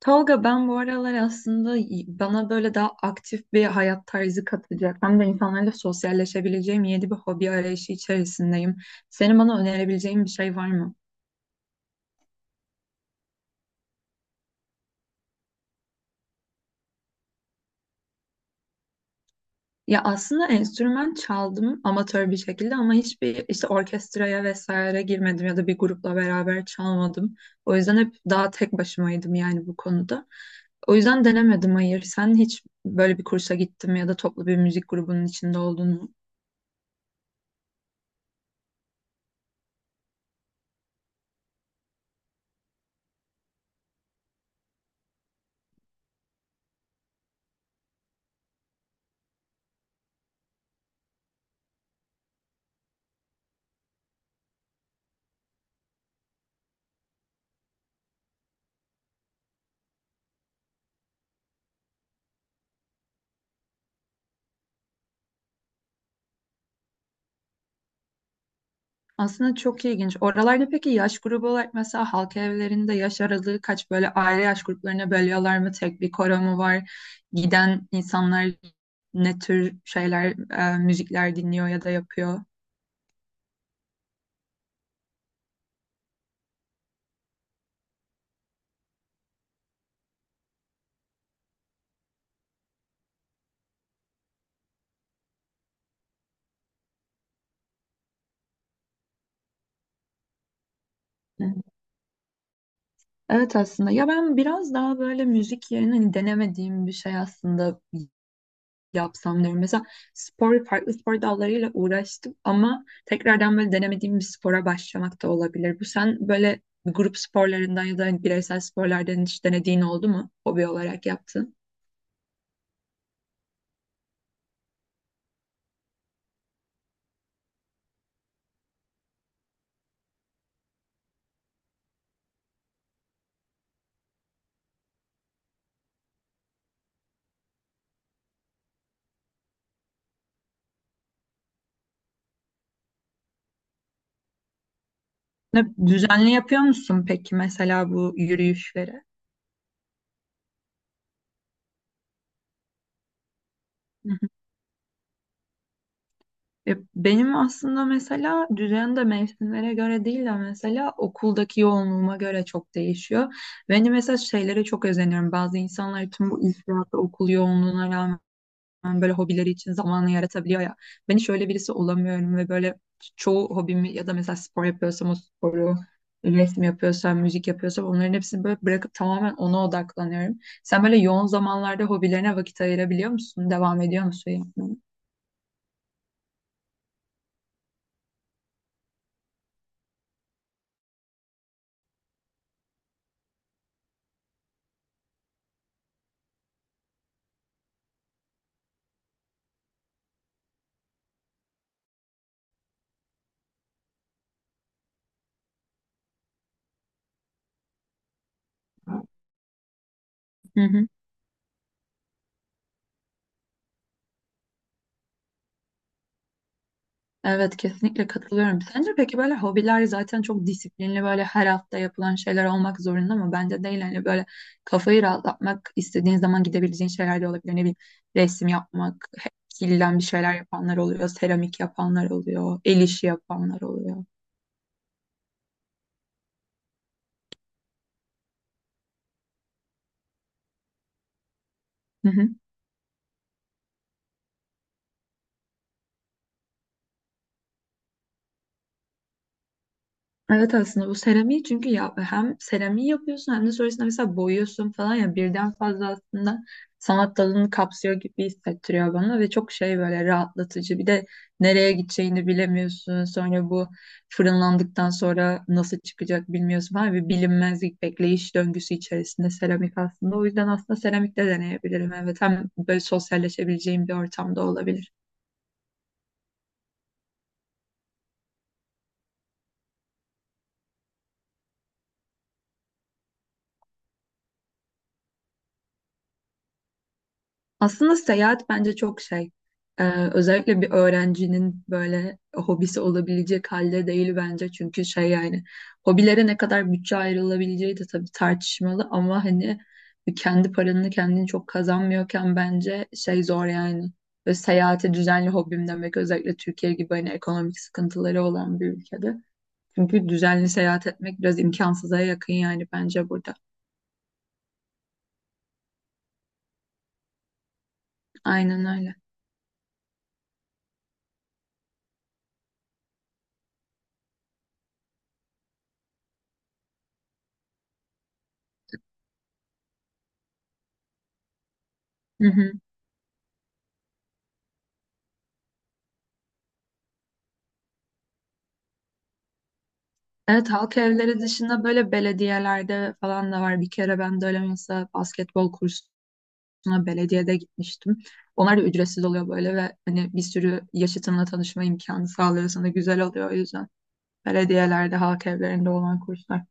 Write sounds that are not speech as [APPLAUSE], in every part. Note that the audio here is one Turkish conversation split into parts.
Tolga, ben bu aralar aslında bana böyle daha aktif bir hayat tarzı katacak hem de insanlarla sosyalleşebileceğim yeni bir hobi arayışı içerisindeyim. Senin bana önerebileceğin bir şey var mı? Ya aslında enstrüman çaldım amatör bir şekilde ama hiçbir işte orkestraya vesaire girmedim ya da bir grupla beraber çalmadım. O yüzden hep daha tek başımaydım yani bu konuda. O yüzden denemedim, hayır. Sen hiç böyle bir kursa gittin mi ya da toplu bir müzik grubunun içinde oldun mu? Aslında çok ilginç. Oralarda peki yaş grubu olarak mesela halk evlerinde yaş aralığı kaç, böyle aile yaş gruplarına bölüyorlar mı? Tek bir koro mu var? Giden insanlar ne tür şeyler, müzikler dinliyor ya da yapıyor? Evet, aslında ya ben biraz daha böyle müzik yerine hani denemediğim bir şey aslında yapsam diyorum. Mesela spor, farklı spor dallarıyla uğraştım ama tekrardan böyle denemediğim bir spora başlamak da olabilir. Bu, sen böyle grup sporlarından ya da bireysel sporlardan hiç denediğin oldu mu? Hobi olarak yaptın. Düzenli yapıyor musun peki mesela bu yürüyüşleri? Hı hı. Ya benim aslında mesela düzen de mevsimlere göre değil de mesela okuldaki yoğunluğuma göre çok değişiyor. Ben de mesela şeylere çok özeniyorum. Bazı insanlar tüm bu iş hayatı, okul yoğunluğuna rağmen böyle hobileri için zamanı yaratabiliyor ya. Ben hiç öyle birisi olamıyorum ve böyle çoğu hobimi ya da mesela spor yapıyorsam o sporu, resim yapıyorsam, müzik yapıyorsam onların hepsini böyle bırakıp tamamen ona odaklanıyorum. Sen böyle yoğun zamanlarda hobilerine vakit ayırabiliyor musun? Devam ediyor musun yapmaya? Hı hı. Evet, kesinlikle katılıyorum. Sence peki böyle hobiler zaten çok disiplinli böyle her hafta yapılan şeyler olmak zorunda mı? Bence değil, hani böyle kafayı rahatlatmak istediğin zaman gidebileceğin şeyler de olabilir. Ne bileyim, resim yapmak, kilden bir şeyler yapanlar oluyor, seramik yapanlar oluyor, el işi yapanlar oluyor. [LAUGHS] Evet, aslında bu seramiği çünkü ya, hem seramiği yapıyorsun hem de sonrasında mesela boyuyorsun falan, ya birden fazla aslında sanat dalını kapsıyor gibi hissettiriyor bana ve çok şey, böyle rahatlatıcı. Bir de nereye gideceğini bilemiyorsun. Sonra bu fırınlandıktan sonra nasıl çıkacak bilmiyorsun falan, bir bilinmezlik bekleyiş döngüsü içerisinde seramik aslında. O yüzden aslında seramik de deneyebilirim. Evet, hem böyle sosyalleşebileceğim bir ortamda olabilir. Aslında seyahat bence çok şey. Ee, özellikle bir öğrencinin böyle hobisi olabilecek halde değil bence. Çünkü şey yani hobilere ne kadar bütçe ayrılabileceği de tabii tartışmalı ama hani kendi paranını kendini çok kazanmıyorken bence şey zor yani. Ve seyahate düzenli hobim demek özellikle Türkiye gibi hani ekonomik sıkıntıları olan bir ülkede. Çünkü düzenli seyahat etmek biraz imkansıza yakın yani bence burada. Aynen öyle. Evet, halk evleri dışında böyle belediyelerde falan da var. Bir kere ben de öyle mesela basketbol kursuna belediyede gitmiştim. Onlar da ücretsiz oluyor böyle ve hani bir sürü yaşıtınla tanışma imkanı sağlıyor sana, güzel oluyor o yüzden. Belediyelerde, halk evlerinde olan kurslar.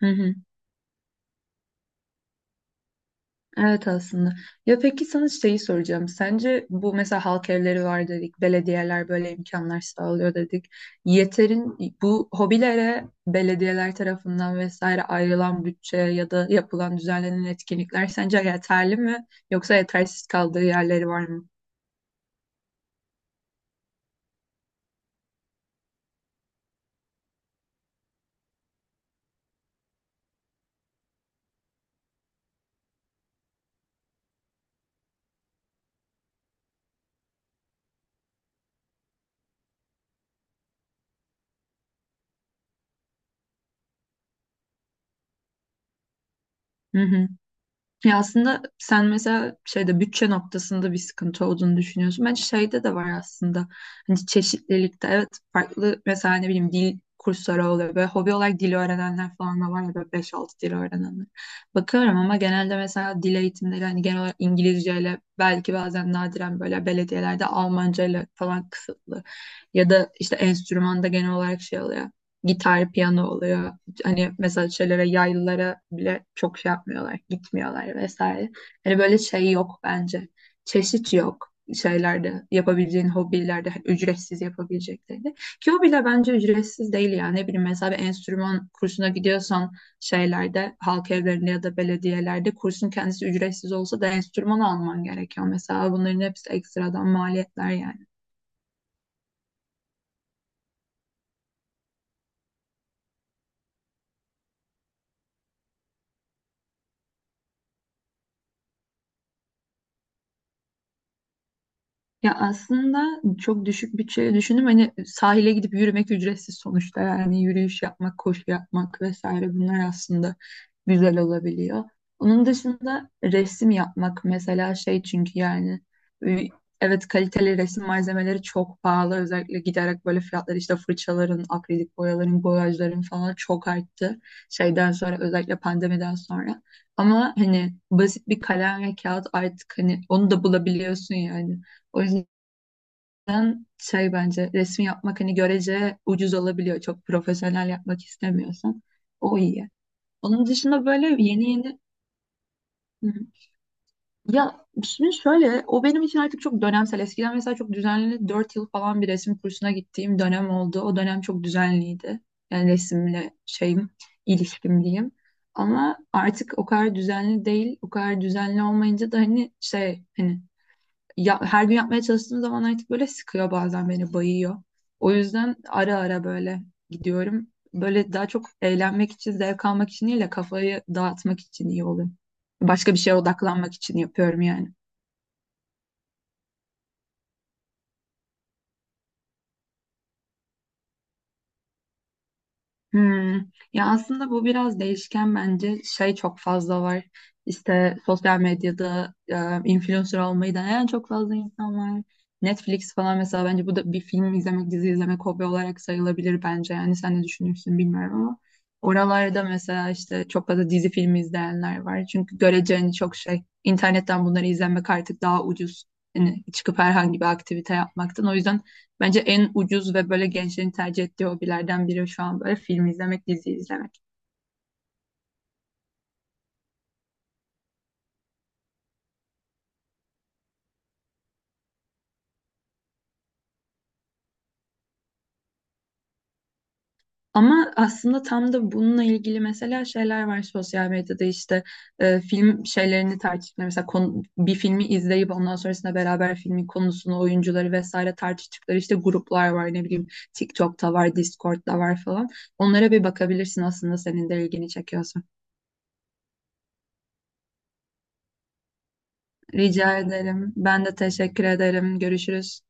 Hı hı. Evet, aslında. Ya peki sana şeyi soracağım. Sence bu mesela halk evleri var dedik, belediyeler böyle imkanlar sağlıyor dedik. Yeterin bu hobilere belediyeler tarafından vesaire ayrılan bütçe ya da yapılan düzenlenen etkinlikler sence yeterli mi yoksa yetersiz kaldığı yerleri var mı? Ya aslında sen mesela şeyde, bütçe noktasında bir sıkıntı olduğunu düşünüyorsun. Bence şeyde de var aslında. Hani çeşitlilikte. Evet, farklı mesela, ne bileyim, dil kursları oluyor. Böyle hobi olarak dil öğrenenler falan da var ya, böyle 5-6 dil öğrenenler. Bakıyorum ama genelde mesela dil eğitimleri hani genel olarak İngilizceyle, belki bazen nadiren böyle belediyelerde Almancayla falan kısıtlı. Ya da işte enstrümanda genel olarak şey oluyor. Gitar, piyano oluyor, hani mesela şeylere, yaylılara bile çok şey yapmıyorlar, gitmiyorlar vesaire. Hani böyle şey yok bence. Çeşit yok şeylerde, yapabileceğin hobilerde, hani ücretsiz yapabileceklerinde. Ki hobiler bence ücretsiz değil yani. Ne bileyim, mesela bir enstrüman kursuna gidiyorsan şeylerde, halk evlerinde ya da belediyelerde kursun kendisi ücretsiz olsa da enstrüman alman gerekiyor. Mesela bunların hepsi ekstradan maliyetler yani. Ya aslında çok düşük bütçeyle düşündüm. Hani sahile gidip yürümek ücretsiz sonuçta. Yani yürüyüş yapmak, koşu yapmak vesaire bunlar aslında güzel olabiliyor. Onun dışında resim yapmak mesela, şey çünkü yani, e, evet, kaliteli resim malzemeleri çok pahalı. Özellikle giderek böyle fiyatlar, işte fırçaların, akrilik boyaların, boyajların falan çok arttı. Şeyden sonra, özellikle pandemiden sonra. Ama hani basit bir kalem ve kağıt artık, hani onu da bulabiliyorsun yani. O yüzden şey, bence resim yapmak hani görece ucuz olabiliyor. Çok profesyonel yapmak istemiyorsan. O iyi. Onun dışında böyle yeni yeni. Hı hı. Ya şimdi şöyle, o benim için artık çok dönemsel. Eskiden mesela çok düzenli 4 yıl falan bir resim kursuna gittiğim dönem oldu. O dönem çok düzenliydi. Yani resimle şeyim, ilişkim diyeyim. Ama artık o kadar düzenli değil. O kadar düzenli olmayınca da hani şey, hani ya, her gün yapmaya çalıştığım zaman artık böyle sıkıyor, bazen beni bayıyor. O yüzden ara ara böyle gidiyorum. Böyle daha çok eğlenmek için, zevk almak için değil de kafayı dağıtmak için iyi oluyor. Başka bir şeye odaklanmak için yapıyorum yani. Hmm. Ya aslında bu biraz değişken, bence şey çok fazla var. İşte sosyal medyada influencer olmayı deneyen çok fazla insan var. Netflix falan mesela, bence bu da, bir film izlemek, dizi izlemek hobi olarak sayılabilir bence. Yani sen ne düşünürsün bilmiyorum ama oralarda mesela işte çok fazla dizi, film izleyenler var. Çünkü göreceğini çok şey, internetten bunları izlemek artık daha ucuz. Yani çıkıp herhangi bir aktivite yapmaktan. O yüzden bence en ucuz ve böyle gençlerin tercih ettiği hobilerden biri şu an böyle film izlemek, dizi izlemek. Ama aslında tam da bununla ilgili mesela şeyler var sosyal medyada, işte film şeylerini tartıştıkları mesela, bir filmi izleyip ondan sonrasında beraber filmin konusunu, oyuncuları vesaire tartıştıkları işte gruplar var, ne bileyim, TikTok'ta var, Discord'da var falan. Onlara bir bakabilirsin aslında senin de ilgini çekiyorsa. Rica ederim. Ben de teşekkür ederim. Görüşürüz.